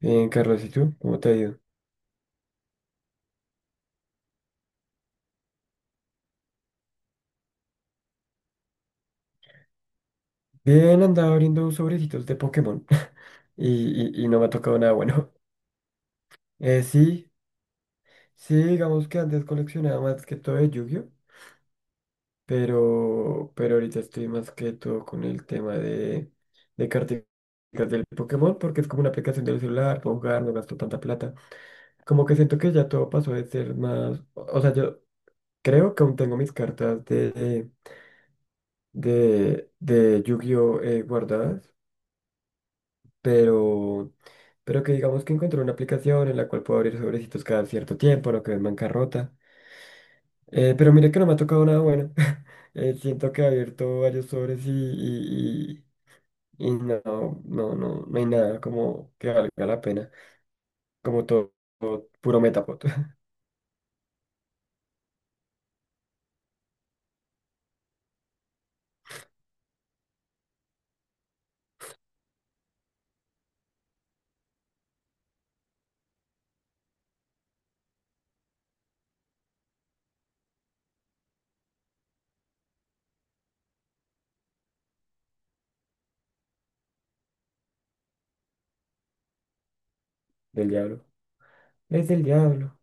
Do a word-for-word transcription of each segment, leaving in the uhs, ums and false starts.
Eh, Carlos, ¿y tú? ¿Cómo te ha ido? Bien, andaba abriendo sobrecitos de Pokémon y, y- y no me ha tocado nada bueno. Eh, sí, sí, digamos que antes coleccionaba más que todo de Yu-Gi-Oh, pero, pero ahorita estoy más que todo con el tema de, de carticas del Pokémon porque es como una aplicación del celular, puedo jugar, no gasto tanta plata. Como que siento que ya todo pasó de ser más, o o sea, yo creo que aún tengo mis cartas de, de, de Yu-Gi-Oh, eh, guardadas, pero, pero que digamos que encontré una aplicación en la cual puedo abrir sobrecitos cada cierto tiempo, no quedo en bancarrota. Eh, pero mire que no me ha tocado nada bueno. Eh, siento que he abierto varios sobres y, y, y, y no, no, no, no hay nada como que valga la pena. Como todo, todo puro metapod del diablo. Es del diablo,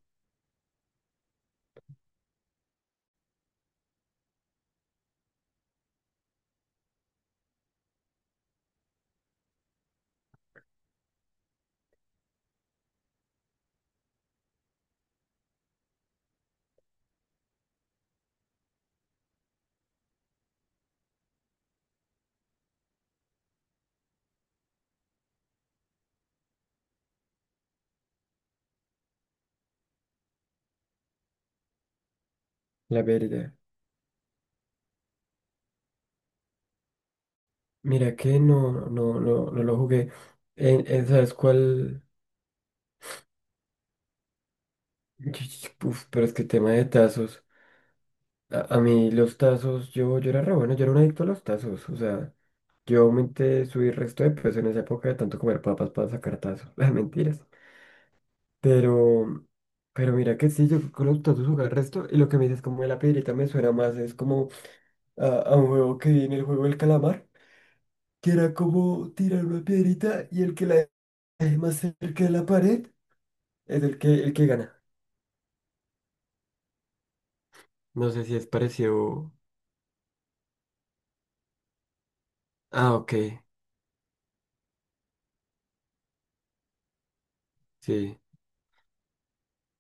la verdad. Mira que no, no, no, no no lo jugué. En, en- ¿sabes cuál? Uf, pero es que tema de tazos. A, a mí los tazos, yo, yo era re bueno, yo era un adicto a los tazos, o sea, yo aumenté, subí resto de peso en esa época de tanto comer papas para sacar tazos, las mentiras. Pero, pero mira que sí, yo con los tazos jugaba el resto, y lo que me dices como de la piedrita me suena más, es como a, a un juego que vi en el juego del calamar, que era como tirar una piedrita y el que la deje más cerca de la pared es el que, el que gana. No sé si es parecido. Ah, ok, sí.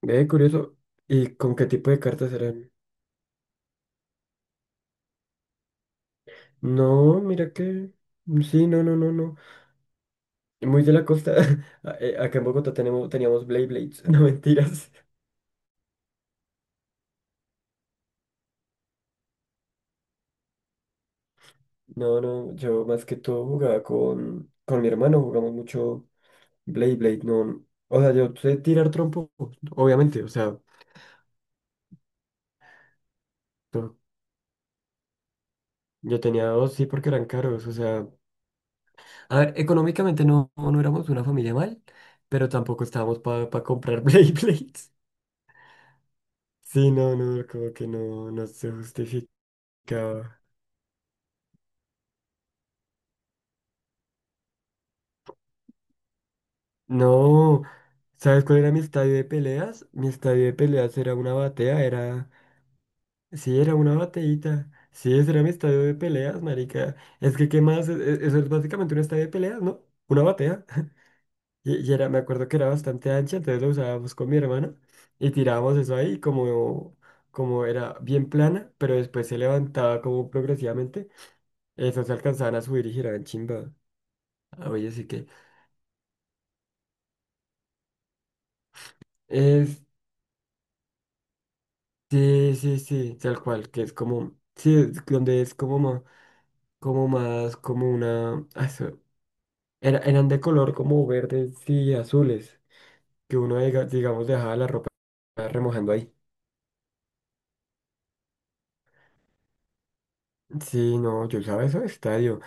Ve, curioso. ¿Y con qué tipo de cartas eran? No, mira que. mm, Sí, no, no, no, no. Muy de la costa. A- eh, Acá en Bogotá tenemos, teníamos Blade Blades. No, mentiras. No, no, yo más que todo jugaba con, con mi hermano, jugamos mucho Blade Blade. No, o sea, yo sé tirar trompo, obviamente. O sea, no, yo tenía dos, sí, porque eran caros. O sea, a ver, económicamente no, no éramos una familia mal, pero tampoco estábamos para comprar Blade Blades. Sí, no, no, como que no, no se justificaba. No, ¿sabes cuál era mi estadio de peleas? Mi estadio de peleas era una batea, era... Sí, era una bateíta. Sí, ese era mi estadio de peleas, marica. Es que, ¿qué más? E- e- Eso es básicamente un estadio de peleas, ¿no? Una batea. Y, y era, me acuerdo que era bastante ancha, entonces lo usábamos con mi hermana y tirábamos eso ahí como, como era bien plana, pero después se levantaba como progresivamente. Eso se alcanzaban a subir y giraban chimba. Ah, oye, sí que... Sí, sí, sí, tal cual, que es como, sí, es donde es como más, como más, como una, ah, eso, era- eran de color como verdes y azules, que uno, diga- digamos, dejaba la ropa remojando ahí. Sí, no, yo usaba eso de estadio.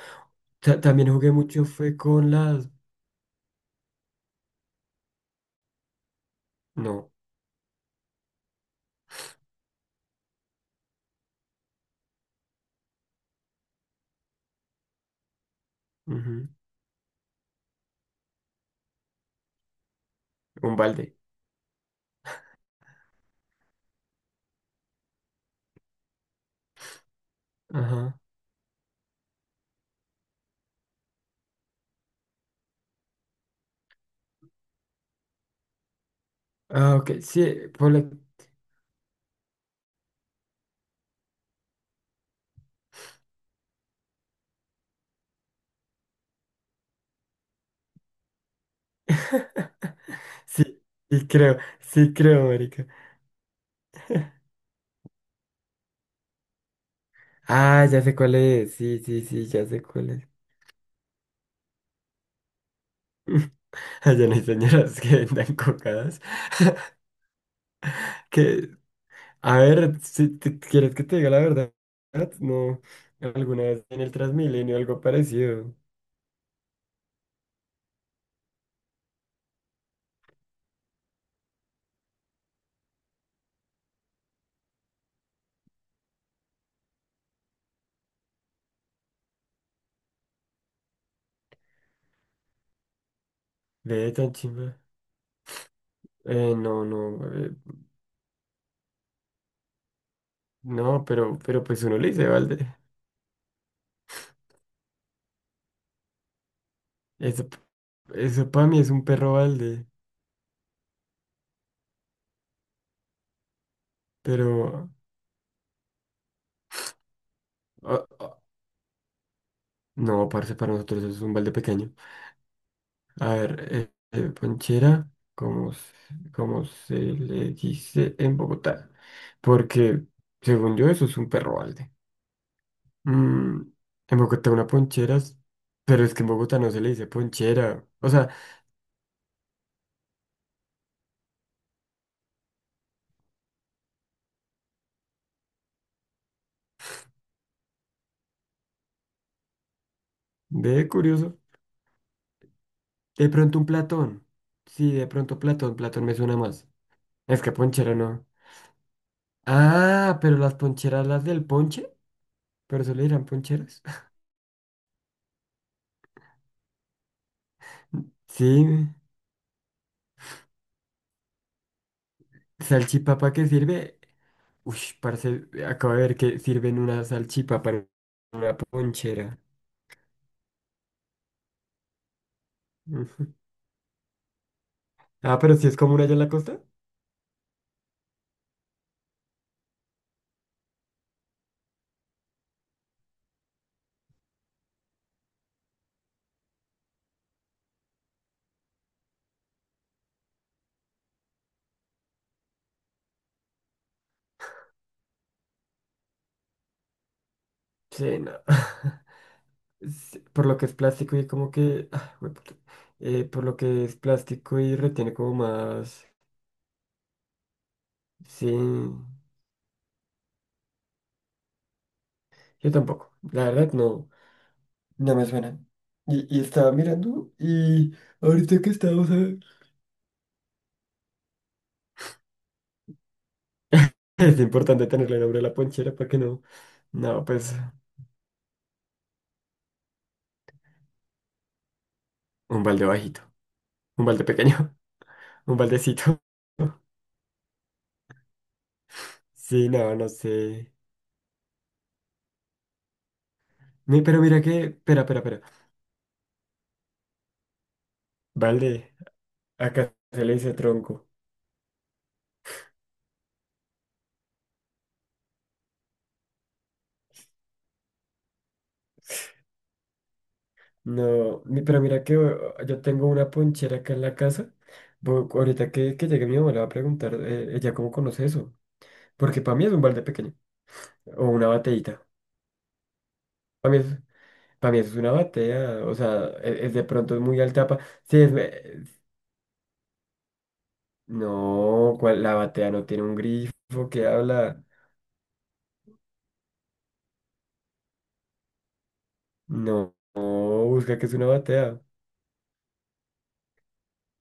Ta- también jugué mucho, fue con las, no, ujú, un balde, ajá. Ah, ok, sí, ponle, sí, sí creo, sí creo, marica. Ah, ya sé cuál es, sí, sí, sí, ya sé cuál es. Allá no hay señoras que vendan cocadas. Que, a ver, si te- quieres que te diga la verdad, no. Alguna vez en el Transmilenio algo parecido. Ve tan chimba. Eh, no, no, eh, no, pero, pero pues uno le dice balde. Eso, p- eso para mí es un perro balde. Pero, ah, ah, no, parce, para nosotros eso es un balde pequeño. A ver, eh, eh, ponchera, como, se- como se le dice en Bogotá. Porque, según yo, eso es un perro balde. Mm, en Bogotá una ponchera, es- pero es que en Bogotá no se le dice ponchera. O sea, ve, curioso. De pronto un platón. Sí, de pronto platón, platón me suena más. Es que ponchera no. Ah, pero las poncheras, las del ponche, pero eso le dirán poncheras. Sí. Salchipapa que sirve. Uy, parece, acabo de ver que sirven una salchipapa en una ponchera. Ujú. Ah, pero si es común allá en la costa. Sí, no. Sí, por lo que es plástico y como que, ah, jueputa. Eh, por lo que es plástico y retiene como más. Sí. Yo tampoco. La verdad, no. No me suena. Y, y estaba mirando y ahorita que estamos a... Es importante tenerle nombre a la ponchera para que no. No, pues un balde bajito. Un balde pequeño, un baldecito. Sí, no, no sé. Mi- Pero mira que, espera, espera, espera. Balde, acá se le dice tronco. No, mi- pero mira que o- yo tengo una ponchera acá en la casa. Bo- Ahorita que, que llegue mi mamá le va a preguntar, eh, ella cómo conoce eso. Porque para mí es un balde pequeño o una bateíta. Para mí, es- pa' mí eso es una batea. O sea, es, es de pronto es muy alta. pa- Sí, es, me- es- no, ¿cuál? La batea no tiene un grifo que habla. No, no, busca que es una batea.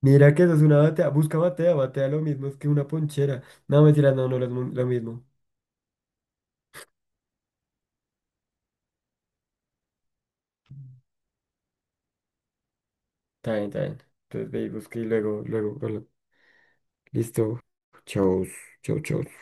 Mira que eso es una batea. Busca batea, batea lo mismo, es que una ponchera. No, mentira, no, no es lo lo mismo. Está bien, está bien. Entonces ve y busca y luego, luego, bueno, listo. Chau, chau, chau.